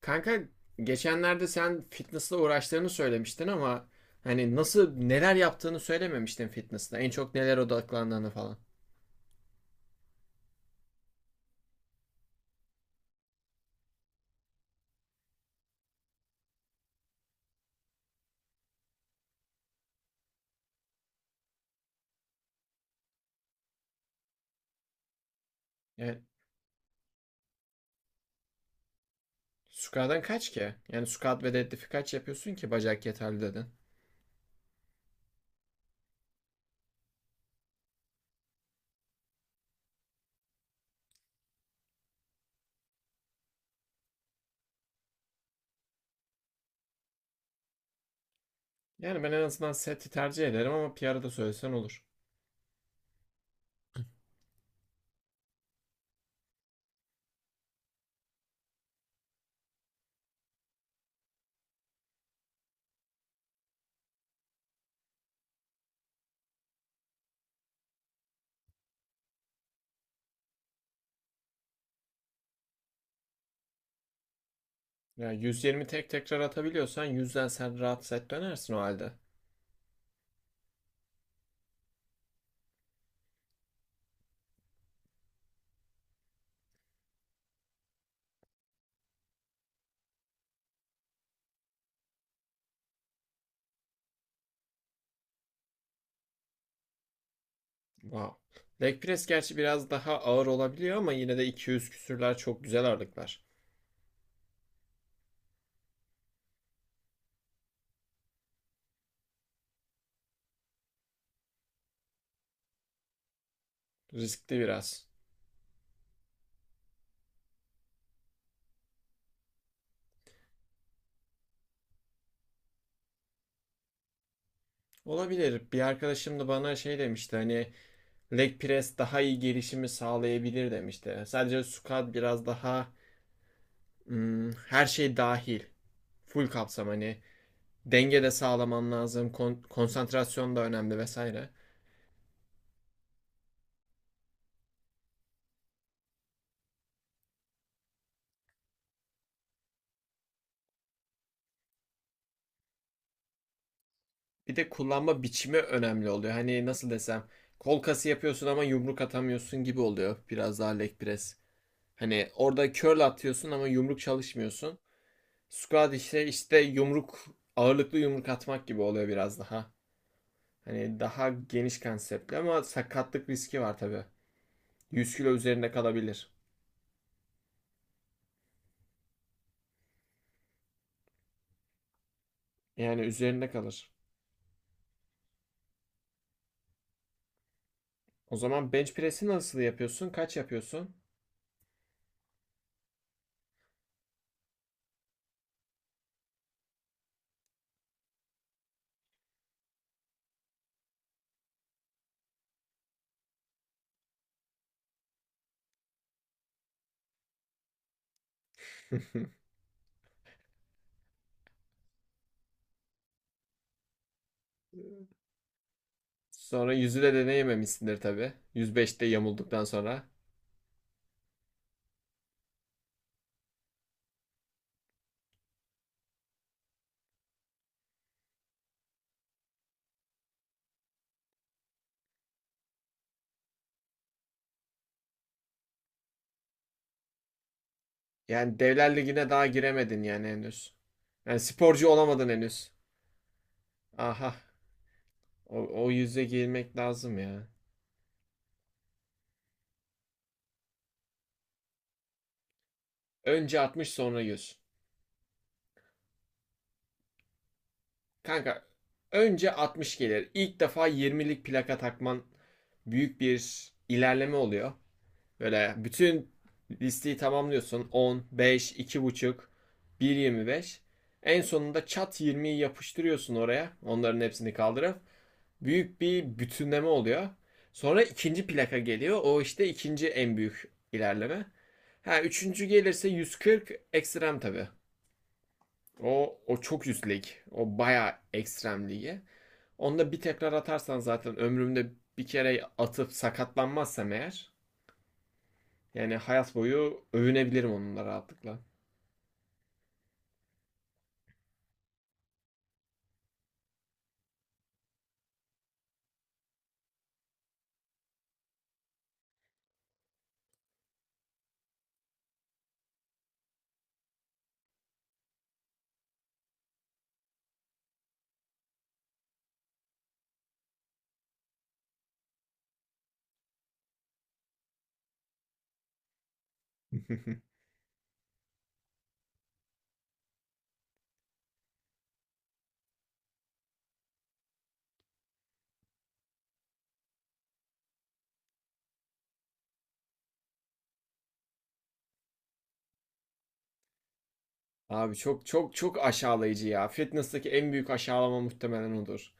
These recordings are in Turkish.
Kanka, geçenlerde sen fitness'la uğraştığını söylemiştin ama hani nasıl neler yaptığını söylememiştin fitness'ta. En çok neler odaklandığını falan. Yani squat'tan kaç ki? Yani squat ve deadlift kaç yapıyorsun ki bacak yeterli dedin. Yani ben en azından seti tercih ederim ama PR'ı da söylesen olur. Ya yüz yirmi tek tekrar atabiliyorsan yüzden sen rahat set dönersin o halde. Wow. Leg press gerçi biraz daha ağır olabiliyor ama yine de 200 küsürler çok güzel ağırlıklar. Riskli biraz. Olabilir. Bir arkadaşım da bana şey demişti, hani leg press daha iyi gelişimi sağlayabilir demişti. Sadece squat biraz daha her şey dahil. Full kapsam, hani denge de sağlaman lazım. Konsantrasyon da önemli vesaire. Bir de kullanma biçimi önemli oluyor. Hani nasıl desem, kol kası yapıyorsun ama yumruk atamıyorsun gibi oluyor biraz daha leg press. Hani orada curl atıyorsun ama yumruk çalışmıyorsun. Squat işte yumruk ağırlıklı yumruk atmak gibi oluyor biraz daha. Hani daha geniş konseptli ama sakatlık riski var tabii. 100 kilo üzerinde kalabilir. Yani üzerinde kalır. O zaman bench press'i nasıl yapıyorsun? Kaç yapıyorsun? Sonra yüzü de deneyememişsindir tabii, 105'te yamulduktan sonra. Yani Devler Ligi'ne daha giremedin yani henüz. Yani sporcu olamadın henüz. Aha. O yüze girmek lazım ya. Önce 60, sonra 100. Kanka, önce 60 gelir. İlk defa 20'lik plaka takman büyük bir ilerleme oluyor. Böyle bütün listeyi tamamlıyorsun. 10, 5, 2,5, 1,25. En sonunda çat 20'yi yapıştırıyorsun oraya, onların hepsini kaldırıp. Büyük bir bütünleme oluyor. Sonra ikinci plaka geliyor. O işte ikinci en büyük ilerleme. Ha üçüncü gelirse 140, ekstrem tabii. O çok üst, o bayağı ekstrem ligi. Onda bir tekrar atarsan zaten, ömrümde bir kere atıp sakatlanmazsam eğer, yani hayat boyu övünebilirim onunla rahatlıkla. Abi, çok çok çok aşağılayıcı ya. Fitness'taki en büyük aşağılama muhtemelen odur.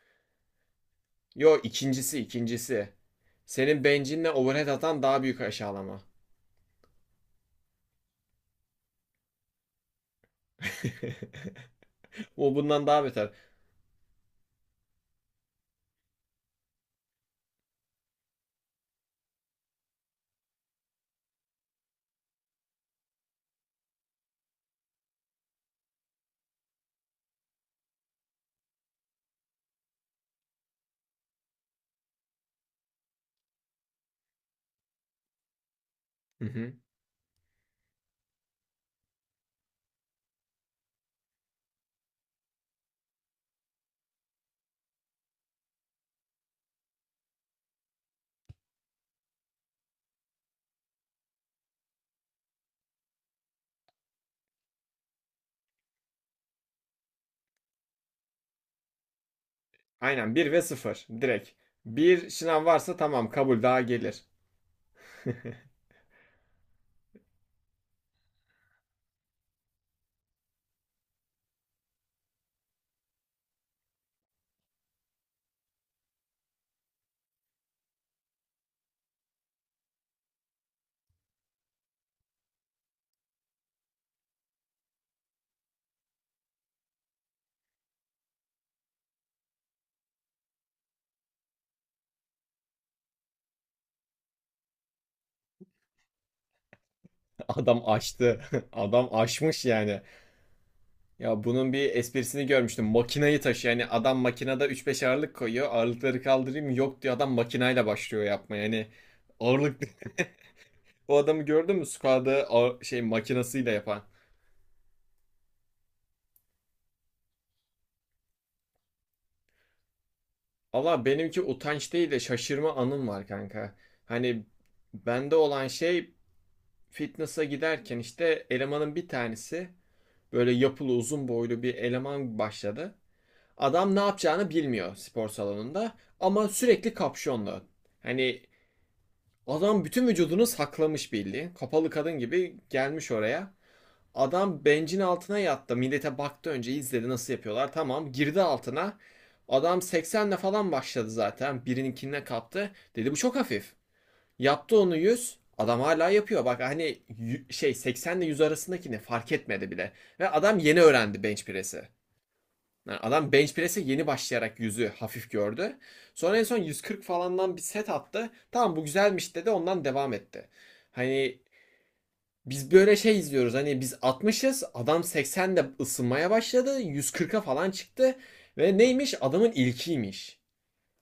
Yo, ikincisi. Senin bencinle overhead atan daha büyük aşağılama. O bundan daha beter. Hı hı. Aynen, bir ve sıfır direkt. Bir şınav varsa tamam, kabul, daha gelir. Adam açtı. Adam aşmış yani. Ya bunun bir esprisini görmüştüm. Makinayı taşı, yani adam makinede üç beş ağırlık koyuyor. Ağırlıkları kaldırayım mı? Yok, diyor. Adam makinayla başlıyor yapmaya. Yani ağırlık, o adamı gördün mü? Şey makinasıyla yapan. Valla benimki utanç değil de şaşırma anım var kanka. Hani bende olan şey, fitness'a giderken işte elemanın bir tanesi, böyle yapılı uzun boylu bir eleman başladı. Adam ne yapacağını bilmiyor spor salonunda ama sürekli kapşonlu. Hani adam bütün vücudunu saklamış, belli. Kapalı kadın gibi gelmiş oraya. Adam bencin altına yattı. Millete baktı, önce izledi nasıl yapıyorlar. Tamam, girdi altına. Adam 80'le falan başladı zaten. Birininkine kaptı, dedi bu çok hafif. Yaptı onu 100, adam hala yapıyor. Bak, hani şey, 80 ile 100 arasındaki ne fark etmedi bile. Ve adam yeni öğrendi bench press'i. Yani adam bench press'e yeni başlayarak yüzü hafif gördü. Sonra en son 140 falandan bir set attı. Tamam, bu güzelmiş dedi, ondan devam etti. Hani biz böyle şey izliyoruz. Hani biz 60'ız, adam 80'de ısınmaya başladı, 140'a falan çıktı. Ve neymiş? Adamın ilkiymiş.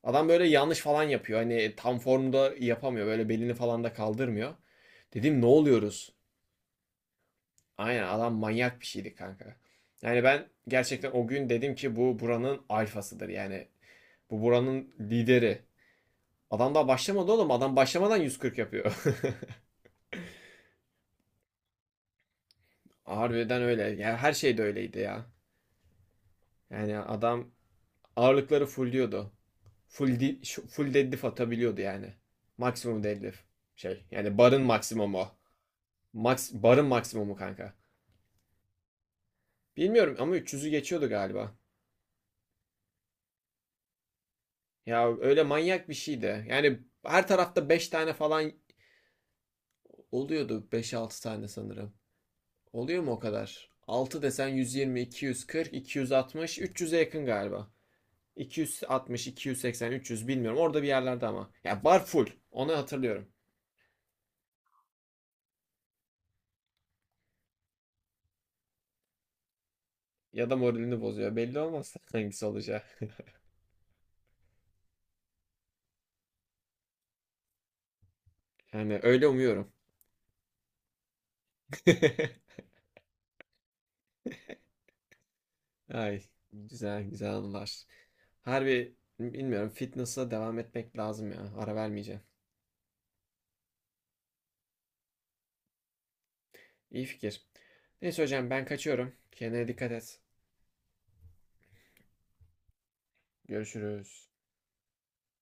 Adam böyle yanlış falan yapıyor, hani tam formda yapamıyor, böyle belini falan da kaldırmıyor. Dedim ne oluyoruz? Aynen, adam manyak bir şeydi kanka. Yani ben gerçekten o gün dedim ki bu buranın alfasıdır. Yani bu buranın lideri. Adam daha başlamadı oğlum. Adam başlamadan 140 yapıyor. Harbiden öyle. Yani her şey de öyleydi ya. Yani adam ağırlıkları fullliyordu. Full, di- Full deadlift atabiliyordu yani. Maksimum deadlift. Şey, yani barın maksimumu. Max, barın maksimumu kanka. Bilmiyorum ama 300'ü geçiyordu galiba. Ya öyle manyak bir şeydi. Yani her tarafta 5 tane falan oluyordu, beş altı tane sanırım. Oluyor mu o kadar? 6 desen 120, 240, 260, 300'e yakın galiba. 260, 280, 300, bilmiyorum. Orada bir yerlerde ama. Ya bar full, onu hatırlıyorum. Ya da moralini bozuyor, belli olmaz hangisi olacağı. Yani öyle umuyorum. Ay, güzel güzel anılar. Harbi bilmiyorum, fitness'a devam etmek lazım ya. Ara vermeyeceğim. İyi fikir. Neyse hocam, ben kaçıyorum. Kendine dikkat et. Görüşürüz.